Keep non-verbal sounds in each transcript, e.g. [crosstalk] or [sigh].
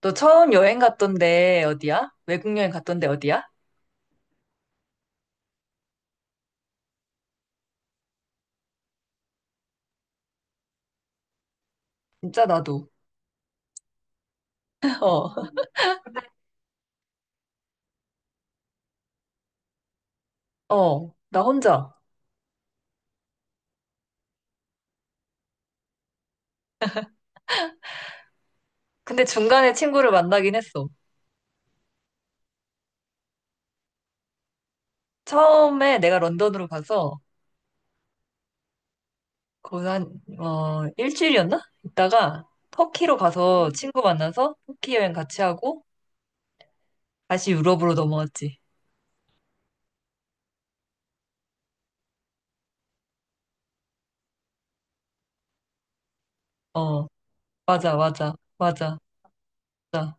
너 처음 여행 갔던데 어디야? 외국 여행 갔던데 어디야? 진짜 나도. [laughs] 어, 어, 나 혼자. 근데 중간에 친구를 만나긴 했어. 처음에 내가 런던으로 가서 거기서 한, 일주일이었나? 있다가 터키로 가서 친구 만나서 터키 여행 같이 하고 다시 유럽으로 넘어왔지. 어, 맞아, 맞아, 맞아, 맞아.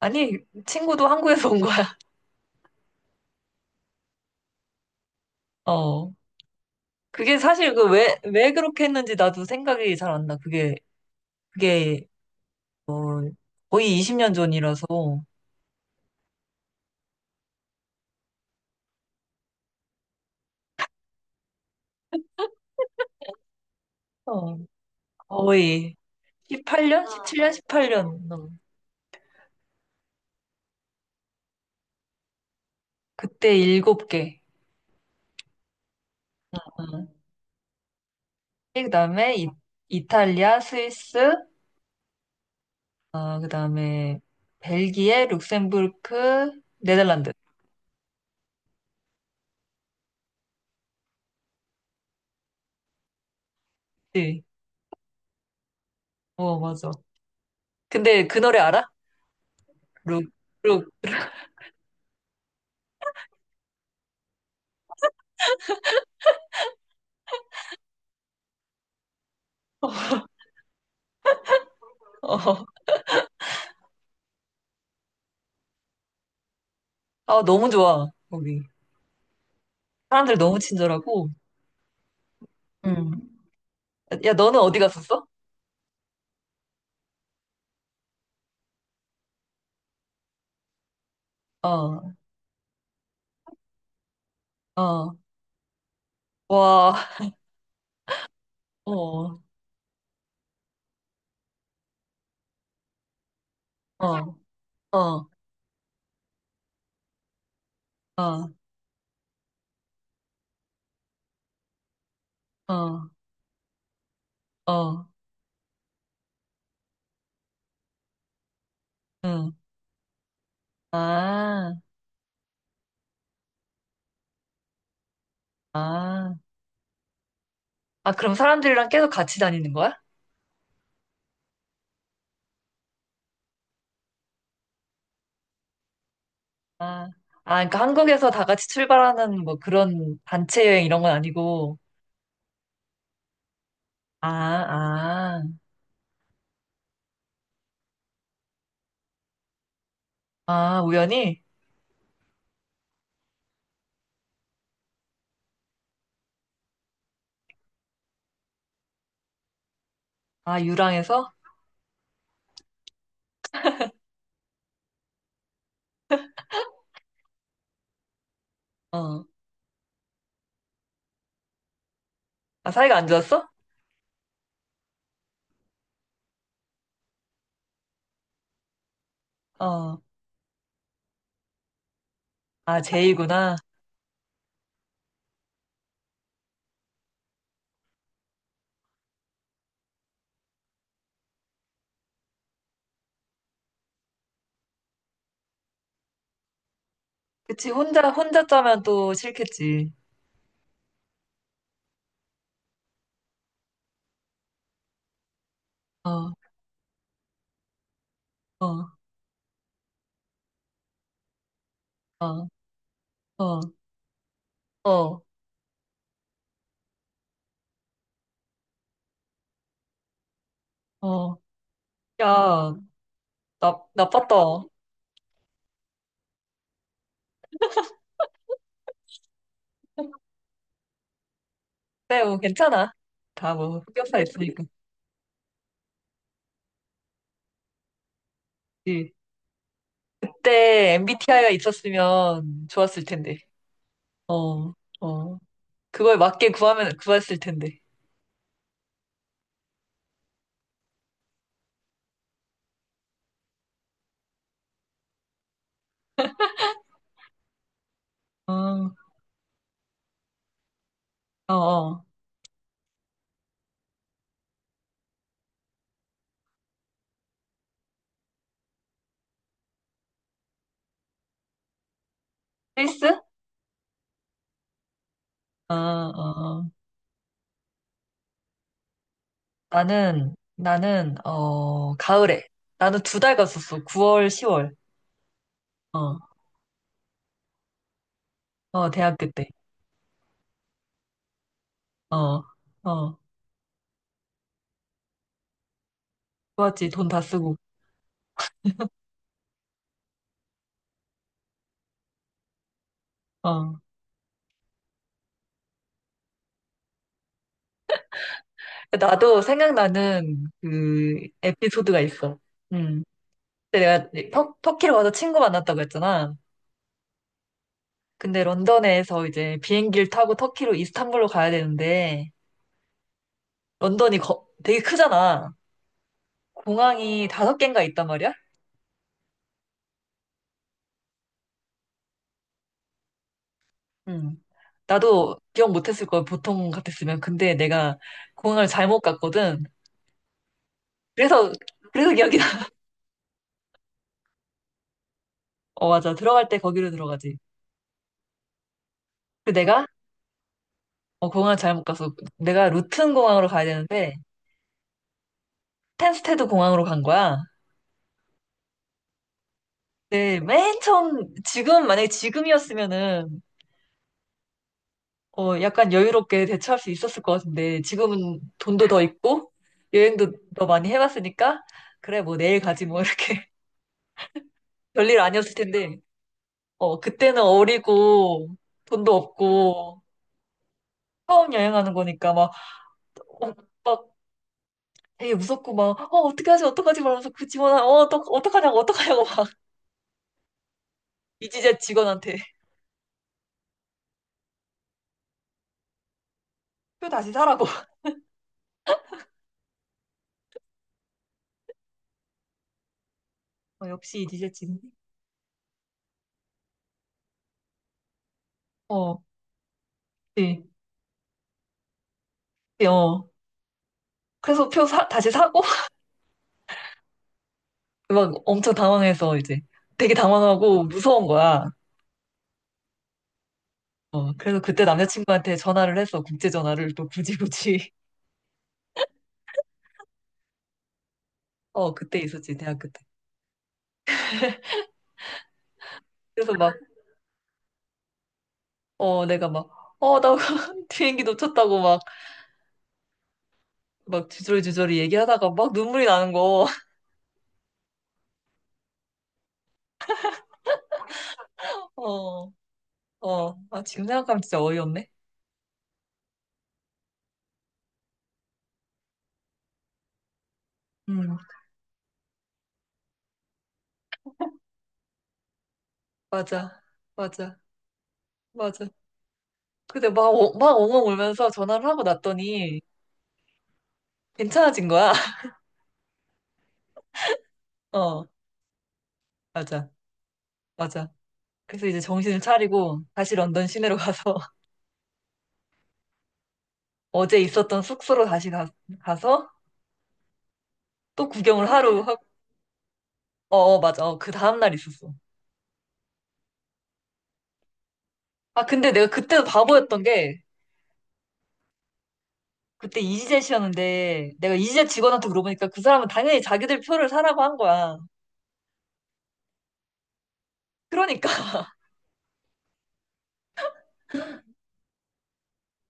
아니, 친구도 한국에서 온 거야. [laughs] 어. 그게 사실 그 왜 그렇게 했는지 나도 생각이 잘 안 나. 그게 거의 20년 전이라서 어, 거의 18년? 17년? 18년. 그때 7개. 음. 그다음에 이탈리아, 스위스, 그다음에 벨기에, 룩셈부르크, 네덜란드. 네. 어, 맞아. 근데 그 노래 알아? 룩, 룩. [laughs] 어. 아, 너무 좋아. 거기. 사람들 너무 친절하고. 음. 야, 너는 어디 갔었어? 어, 어, 와, 어, 어, 어, 어, 어. 어, 응. 아, 아. 아, 그럼 사람들이랑 계속 같이 다니는 거야? 아, 아, 그러니까 한국에서 다 같이 출발하는 뭐 그런 단체 여행 이런 건 아니고. 아, 아, 아, 우연히? 아, 유랑에서? 어. 아, 사이가 안 좋았어? 어. 아, 제이구나. 그치, 혼자 짜면 또 싫겠지. 어, 어, 어, 어, 어, 어. 야, 나빴다. [laughs] 네, 뭐, 괜찮아. 다 뭐, 흑역사 있으니까. 응. 그때 MBTI가 있었으면 좋았을 텐데. 어, 어. 그걸 맞게 구하면, 구했을 텐데. 어, 어, 어. 필수? 어, 어, 어. 나는, 가을에. 나는 2달 갔었어. 9월, 10월. 어, 어, 대학교 때. 어, 어. 좋았지. 돈 다 쓰고. 어. 나도 생각나는 그 에피소드가 있어. 음. 그때 내가 터키로 가서 친구 만났다고 했잖아. 근데 런던에서 이제 비행기를 타고 터키로 이스탄불로 가야 되는데, 런던이 되게 크잖아. 공항이 다섯 개인가 있단 말이야? 응. 나도 기억 못했을 거야, 보통 같았으면. 근데 내가 공항을 잘못 갔거든. 그래서, 그래서 기억이 나. [laughs] 어, 맞아. 들어갈 때 거기로 들어가지. 그 내가, 공항을 잘못 가서, 내가 루튼 공항으로 가야 되는데, 텐스테드 공항으로 간 거야. 네, 맨 처음, 지금, 만약에 지금이었으면은, 약간 여유롭게 대처할 수 있었을 것 같은데, 지금은 돈도 더 있고, 여행도 더 많이 해봤으니까, 그래, 뭐 내일 가지 뭐 이렇게. [laughs] 별일 아니었을 텐데, 그때는 어리고, 돈도 없고, 처음 여행하는 거니까 막, 어, 막 되게 무섭고 막, 어게하지 어떡하지 말면서 그 어떡하냐고 막, [laughs] 이지젯 직원한테 표 다시 사라고. [laughs] 역시 이지젯 직원. 어, 네, 네, 어. 그래서 다시 사고, 막 엄청 당황해서 이제 되게 당황하고 무서운 거야. 그래서 그때 남자친구한테 전화를 해서 국제 전화를 또 굳이 굳이 [laughs] 어 그때 있었지 대학교 때. 그래서 막 내가 막 나 [laughs] 비행기 놓쳤다고 막 막 주저리주저리 얘기하다가 막 눈물이 나는 거. [laughs] 어, 어. 아 지금 생각하면 진짜 어이없네. 음 맞아 맞아 맞아. 근데 막, 막 엉엉 울면서 전화를 하고 났더니 괜찮아진 거야. [laughs] 어 맞아 맞아. 그래서 이제 정신을 차리고 다시 런던 시내로 가서 [laughs] 어제 있었던 숙소로 다시 가, 서또 구경을 하루 하고 어, 어 맞아 어, 그 다음날 있었어 아 근데 내가 그때도 바보였던 게 그때 이지젯 씨였는데 내가 이지젯 직원한테 물어보니까 그 사람은 당연히 자기들 표를 사라고 한 거야 그러니까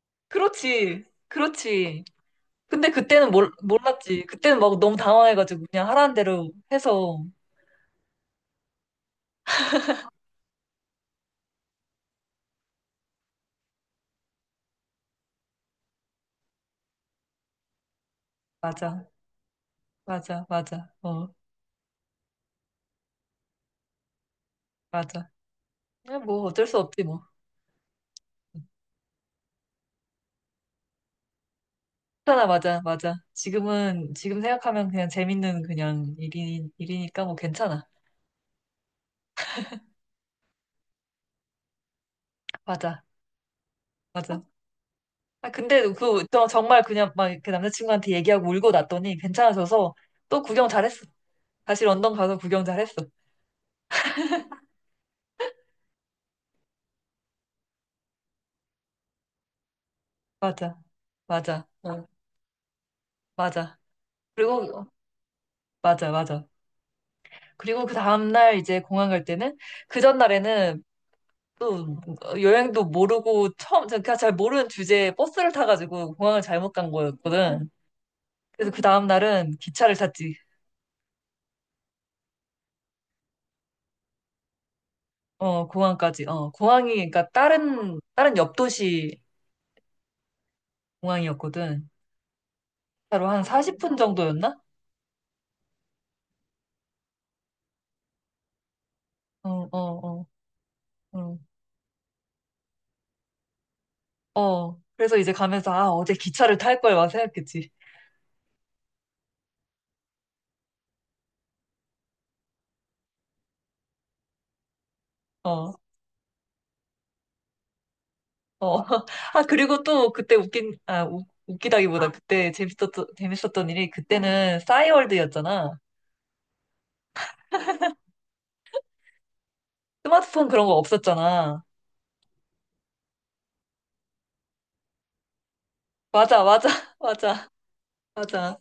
[laughs] 그렇지 그렇지 근데 그때는 몰랐지 그때는 막 너무 당황해가지고 그냥 하라는 대로 해서 맞아 맞아 맞아 어 맞아 그냥 뭐 어쩔 수 없지 뭐 하나 맞아, 맞아. 지금 생각하면 그냥 재밌는 그냥 일이니까 뭐 괜찮아. 맞아, 맞아. 아, 근데 그, 저 정말 그냥 막 그 남자친구한테 얘기하고 울고 났더니 괜찮아져서 또 구경 잘했어. 다시 런던 가서 구경 잘했어. 맞아, 맞아, 어, 맞아. 그리고, 맞아, 맞아. 그리고 그 다음날 이제 공항 갈 때는 그 전날에는 또 여행도 모르고 처음, 제가 잘 모르는 주제에 버스를 타가지고 공항을 잘못 간 거였거든. 그래서 그 다음 날은 기차를 탔지. 어, 공항까지. 공항이 그러니까 다른 옆 도시 공항이었거든. 차로 한 40분 정도였나? 어, 어, 어, 어. 어. 그래서 이제 가면서 아, 어제 기차를 탈 걸 막 생각했지. 어. 어. [laughs] 아, 그리고 또 그때 웃기다기보다 그때 재밌었던 일이 그때는 싸이월드였잖아. 스마트폰 그런 거 없었잖아. 맞아, 맞아. [laughs] 맞아. 맞아.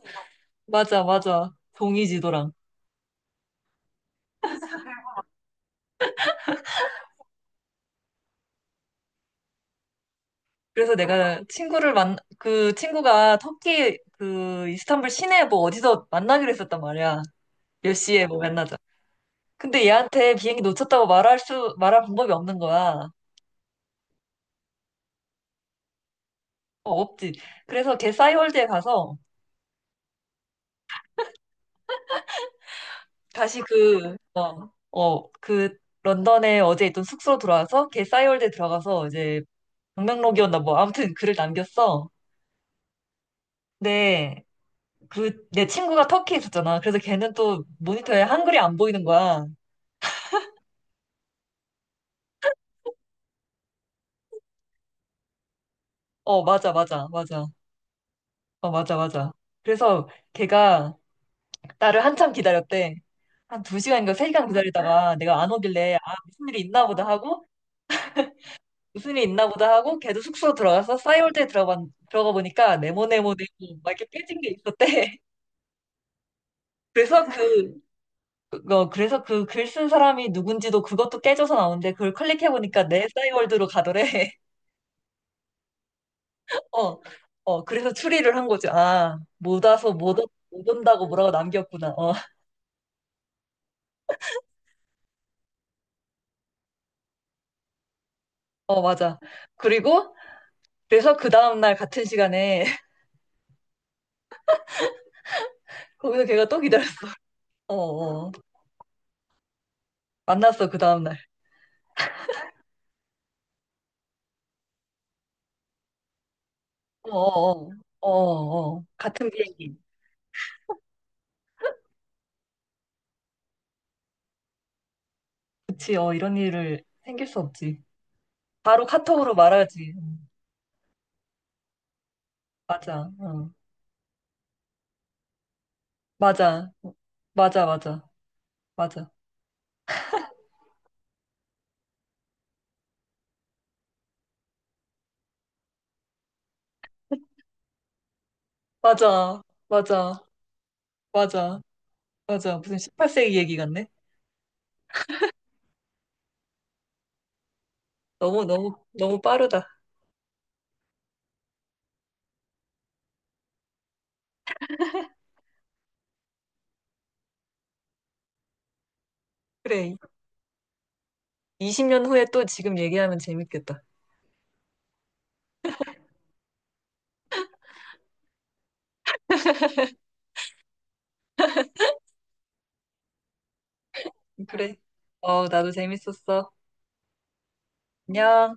맞아, 맞아. 종이 지도랑. 그래서 내가 친구를 그 친구가 터키 그 이스탄불 시내 뭐 어디서 만나기로 했었단 말이야. 몇 시에 뭐 만나자. 근데 얘한테 비행기 놓쳤다고 말할 방법이 없는 거야. 어, 없지. 그래서 걔 싸이월드에 가서 다시 그 런던에 어제 있던 숙소로 돌아와서 걔 싸이월드에 들어가서 이제 방명록이었나 뭐 아무튼 글을 남겼어. 근데 그 내 친구가 터키에 있었잖아. 그래서 걔는 또 모니터에 한글이 안 보이는 거야. 어, 맞아, 맞아, 맞아. 어, 맞아, 맞아. 그래서 걔가 나를 한참 기다렸대. 한 두 시간인가 3시간 기다리다가 내가 안 오길래, 아, 무슨 일이 있나 보다 하고, 무슨 일이 있나 보다 하고, 걔도 숙소 들어가서 싸이월드에 들어가, 들어가 보니까 네모네모네모 막 이렇게 깨진 게 있었대. [laughs] 그래서 그래서 그 글 쓴 사람이 누군지도 그것도 깨져서 나오는데 그걸 클릭해 보니까 내 싸이월드로 가더래. [laughs] 어, 어, 그래서 추리를 한 거지. 아, 못 와서 못 온다고 뭐라고 남겼구나. 어, [laughs] 어, 맞아. 그리고 그래서 그 다음날 같은 시간에 [laughs] 거기서 걔가 또 기다렸어. 어, 어. 만났어, 그 다음날. 어, 어, 어. 어, 어. 같은 비행기. 그치, 이런 일을 생길 수 없지. 바로 카톡으로 말하지. 맞아, 어. 맞아, 맞아, 맞아, 맞아, 맞아, 맞아, 맞아, 맞아. 무슨 18세기 얘기 같네? 너무, 너무, 너무 빠르다. 그래. 20년 후에 또 지금 얘기하면 재밌겠다. 그래. 어, 나도 재밌었어. 안녕.